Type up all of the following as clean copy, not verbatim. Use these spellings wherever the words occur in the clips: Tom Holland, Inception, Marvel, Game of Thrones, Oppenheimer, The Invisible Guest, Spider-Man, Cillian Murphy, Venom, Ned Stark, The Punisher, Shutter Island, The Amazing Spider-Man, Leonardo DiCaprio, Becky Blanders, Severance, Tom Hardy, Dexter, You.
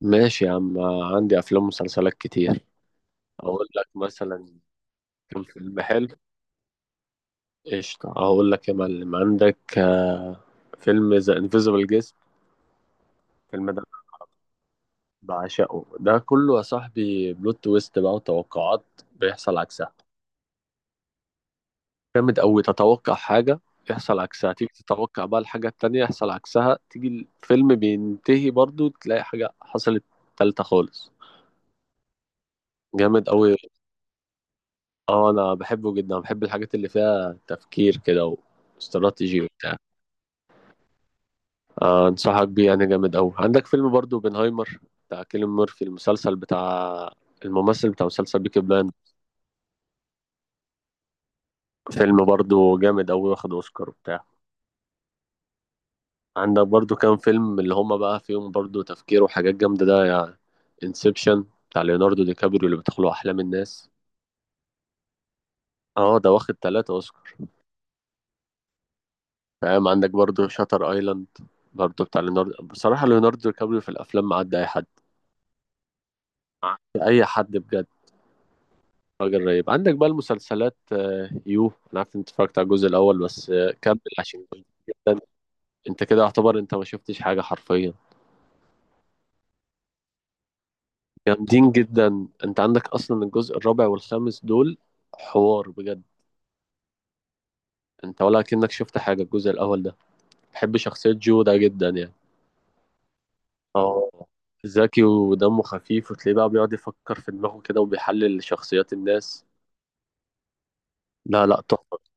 ماشي يا عم. عندي افلام ومسلسلات كتير. اقول لك مثلا كم فيلم حلو. قشطة، اقول لك يا معلم. عندك فيلم ذا انفيزبل جيست. الفيلم ده بعشقه، ده كله يا صاحبي بلوت تويست بقى، وتوقعات بيحصل عكسها. جامد قوي. تتوقع حاجة يحصل عكسها، تيجي تتوقع بقى الحاجة التانية يحصل عكسها، تيجي الفيلم بينتهي برضو تلاقي حاجة حصلت تالتة خالص. جامد قوي. اه انا بحبه جدا، بحب الحاجات اللي فيها تفكير كده واستراتيجي وبتاع. انصحك بيه يعني، جامد قوي. عندك فيلم برضو اوبنهايمر بتاع كيليان ميرفي، المسلسل بتاع الممثل بتاع مسلسل بيكي بلاند. فيلم برضو جامد قوي، واخد اوسكار وبتاع. عندك برضو كام فيلم اللي هما بقى فيهم برضو تفكير وحاجات جامدة ده يعني. انسبشن بتاع ليوناردو دي كابريو، اللي بيدخلوا احلام الناس. اه ده واخد ثلاثة اوسكار. فاهم؟ عندك برضو شاتر ايلاند، برضو بتاع ليوناردو. بصراحة ليوناردو دي كابريو في الافلام معدي اي حد، اي حد بجد. راجل رهيب. عندك بقى المسلسلات يو. انا عارف إن انت اتفرجت على الجزء الاول بس، كمل عشان جامد جدا. انت كده يعتبر انت ما شفتش حاجه حرفيا. جامدين جدا، انت عندك اصلا الجزء الرابع والخامس دول حوار بجد. انت ولا كأنك شفت حاجه الجزء الاول ده. بحب شخصيه جو ده جدا يعني. اه ذكي ودمه خفيف، وتلاقيه بقى بيقعد يفكر في دماغه كده وبيحلل شخصيات الناس. لا لا تحفه.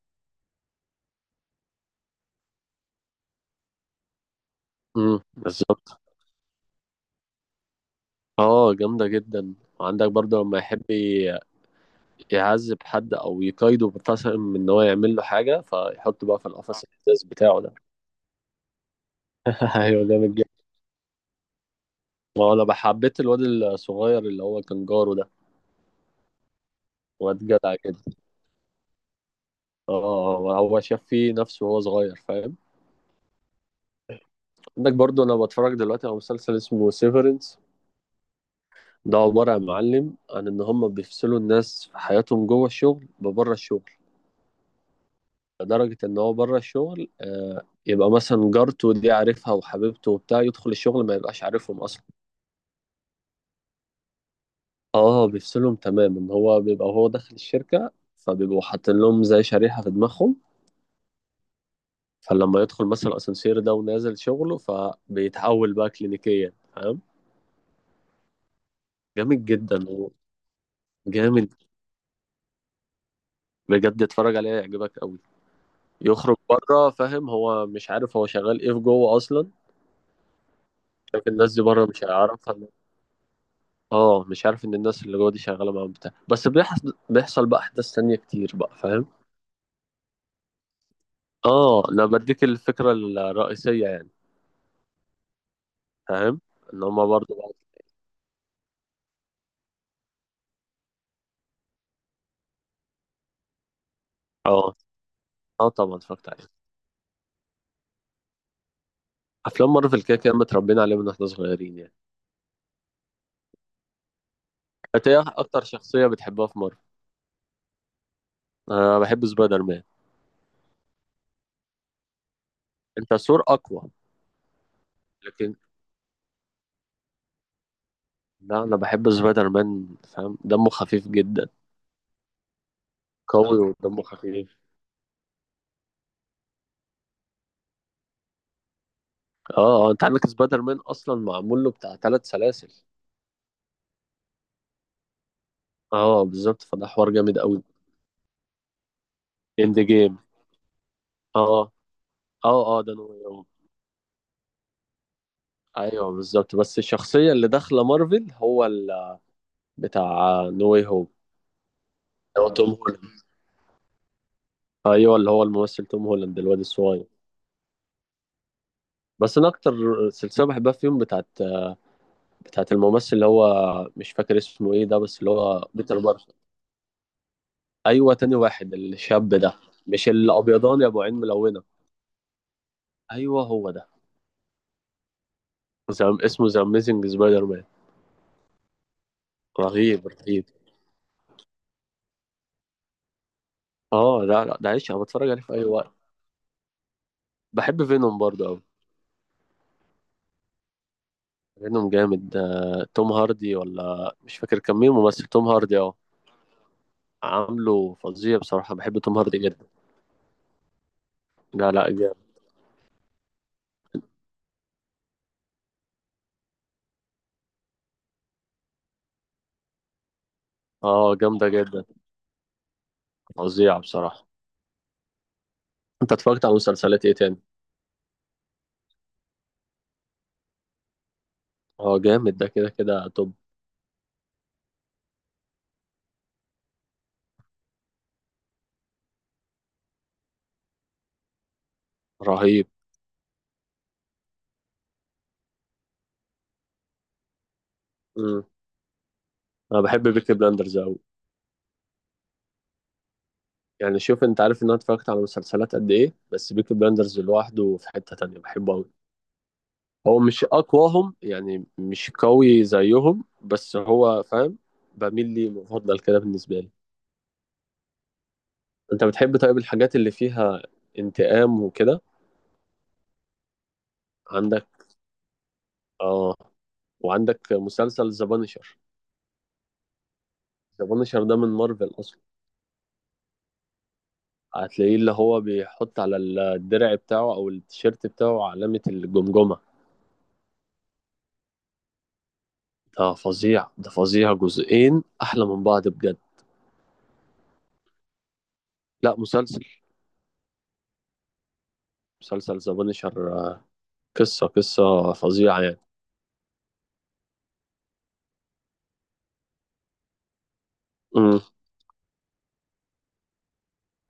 بالظبط. اه جامدة جدا. وعندك برضه لما يحب يعذب حد او يقايده، مثلا من ان هو يعمل له حاجة فيحطه بقى في القفص الازاز بتاعه ده. ايوه جامد جدا. ما هو انا حبيت الواد الصغير اللي هو كان جاره ده. واد جدع جدا. اه هو شاف فيه نفسه وهو صغير، فاهم؟ عندك برضه، انا بتفرج دلوقتي على مسلسل اسمه سيفرنس. ده عبارة يا معلم عن ان هم بيفصلوا الناس في حياتهم جوه الشغل ببره الشغل. لدرجة إن هو بره الشغل يبقى مثلا جارته دي عارفها وحبيبته وبتاع، يدخل الشغل ما يبقاش عارفهم أصلا. اه بيفصلهم تماما. هو بيبقى هو داخل الشركة، فبيبقوا حاطين لهم زي شريحة في دماغهم. فلما يدخل مثلا الأسانسير ده ونازل شغله فبيتحول بقى كلينيكيا، فاهم؟ جامد جدا هو. جامد بجد، اتفرج عليه هيعجبك قوي. يخرج بره، فاهم؟ هو مش عارف هو شغال ايه في جوه اصلا. شايف الناس دي بره مش هيعرفها. اه مش عارف ان الناس اللي جوه دي شغاله معاهم بتاع، بس بيحصل بقى احداث تانية كتير بقى، فاهم؟ اه انا بديك الفكره الرئيسيه يعني. فاهم؟ ان هما برضه بقى. اه اه طبعا اتفرجت عليها. افلام مارفل كده كده متربيين عليها من واحنا صغيرين يعني. انت ايه اكتر شخصيه بتحبها في مارفل؟ انا بحب سبايدر مان. انت ثور اقوى. لكن لا، انا بحب سبايدر مان، فاهم؟ دمه خفيف جدا، قوي ودمه خفيف. اه، انت عندك سبايدر مان اصلا معمول له بتاع ثلاث سلاسل. اه بالظبط، فده حوار جامد قوي. اند جيم. اه اه اه، ده نو واي هوم. ايوه بالظبط، بس الشخصيه اللي داخله مارفل هو بتاع نو واي هوم. هو توم هولاند. ايوه اللي هو الممثل توم هولاند الواد الصغير. بس انا اكتر سلسله بحبها فيهم بتاعت الممثل اللي هو مش فاكر اسمه ايه ده، بس اللي هو بيتر باركر. ايوه تاني واحد الشاب ده. مش الابيضاني ابو عين ملونه؟ ايوه هو ده. اسمه ذا اميزنج سبايدر مان. رهيب رهيب. اه لا لا، ده عيش انا بتفرج عليه في اي وقت. بحب فينوم برضه قوي. فينوم جامد ده. توم هاردي، ولا مش فاكر كان مين ممثل، توم هاردي اه. عامله فظيع بصراحة، بحب توم هاردي جدا. لا لا جامد. اه جامدة جدا، فظيعة بصراحة. انت اتفرجت على مسلسلات ايه تاني؟ اه جامد ده، كده كده توب. رهيب. مم. انا بحب بيكي بلاندرز اوي. يعني شوف، انت عارف ان انا اتفرجت على مسلسلات قد ايه، بس بيكي بلاندرز لوحده في حتة تانية، بحبه اوي. هو مش اقواهم يعني، مش قوي زيهم، بس هو فاهم. بميل ليه، مفضل كده بالنسبة لي. أنت بتحب طيب الحاجات اللي فيها انتقام وكده؟ عندك آه، وعندك مسلسل ذا بانشر. ذا بانشر ده من مارفل أصلا. هتلاقيه اللي هو بيحط على الدرع بتاعه أو التيشيرت بتاعه علامة الجمجمة. ده فظيع، ده فظيع، جزئين أحلى من بعض بجد. لا مسلسل. مسلسل ذا بانشر. قصة قصة فظيعة يعني. امم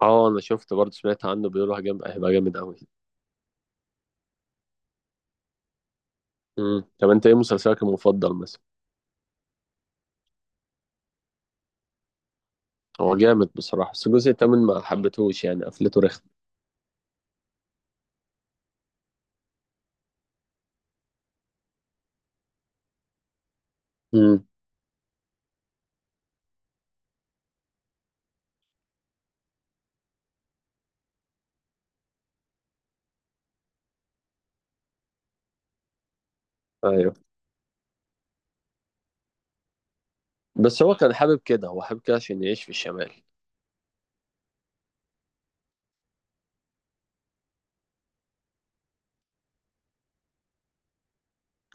اه انا شفت برضه، سمعت عنه بيقولوا هيبقى جامد قوي. طب انت ايه مسلسلك المفضل مثلا؟ هو جامد بصراحة، بس الجزء التامن ما حبيتهوش يعني، قفلته رخم. امم. ايوه بس هو كان حابب كده، هو حابب كده عشان يعيش في الشمال.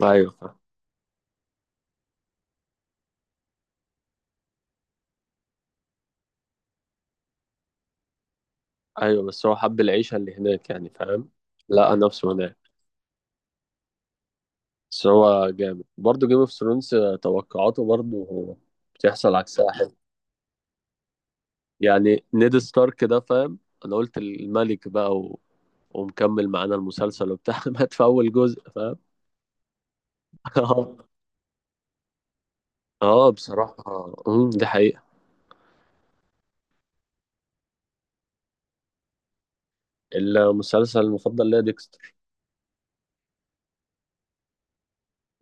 ايوه فاهم. ايوه بس هو حب العيشة اللي هناك يعني، فاهم؟ لقى نفسه هناك. بس هو جامد برضه جيم اوف ثرونز. توقعاته برضه هو بتحصل عكسها، حلو. يعني نيد ستارك ده، فاهم؟ انا قلت الملك بقى ومكمل معانا المسلسل وبتاع، مات في اول جزء، فاهم؟ اه اه بصراحة. دي حقيقة. المسلسل المفضل ليا ديكستر.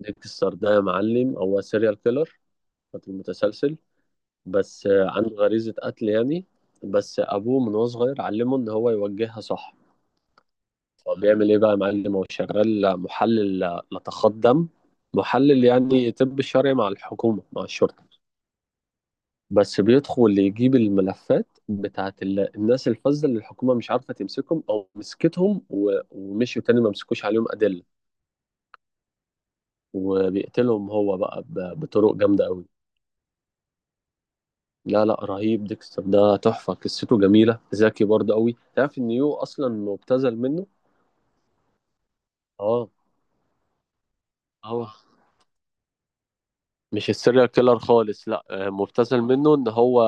ديكستر ده يا معلم هو سيريال كيلر، قاتل متسلسل. بس عنده غريزة قتل يعني. بس أبوه من وهو صغير علمه إن هو يوجهها صح. فبيعمل إيه بقى يا معلم؟ هو شغال محلل لتخاط دم، محلل يعني طب شرعي مع الحكومة مع الشرطة. بس بيدخل يجيب الملفات بتاعت الناس الفذة اللي الحكومة مش عارفة تمسكهم أو مسكتهم ومشيوا تاني ما مسكوش عليهم أدلة. وبيقتلهم هو بقى بطرق جامدة أوي. لا لا رهيب، ديكستر ده تحفة، قصته جميلة، ذكي برضه قوي. تعرف ان يو اصلا مبتذل منه؟ اه اه، مش السيريال كيلر خالص لا، مبتذل منه ان هو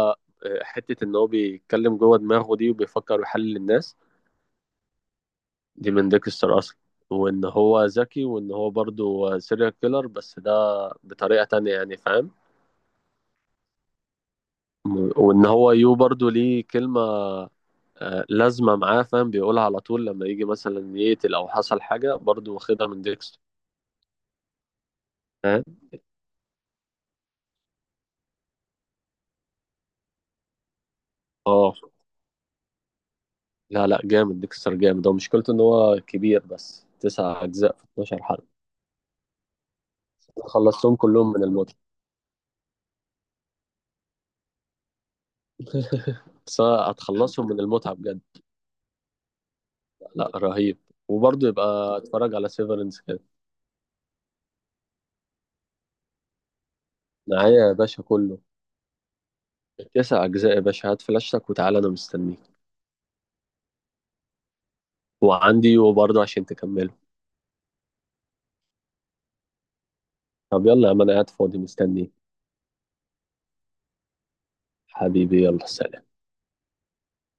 حتة ان هو بيتكلم جوه دماغه دي وبيفكر ويحلل الناس دي، من ديكستر اصلا. وان هو ذكي وان هو برضه سيريال كيلر بس ده بطريقة تانية يعني، فاهم؟ وان هو يو برضه ليه كلمة لازمة معاه، فاهم؟ بيقولها على طول لما يجي مثلا يقتل او حصل حاجة، برضه واخدها من ديكستر. فاهم؟ اه لا لا جامد، ديكستر جامد. هو مشكلته ان هو كبير، بس تسع اجزاء في 12 حلقه، خلصتهم كلهم من المتعه. بس أنا هتخلصهم من المتعه بجد. لا رهيب. وبرضه يبقى اتفرج على سيفرنس كده. معايا يا باشا كله، تسع اجزاء يا باشا. هات فلاشتك وتعالى انا مستنيك. وعندي، وبرضه عشان تكمله. طب يلا يا عم، انا قاعد فاضي مستنيك. حبيبي يلا سلام.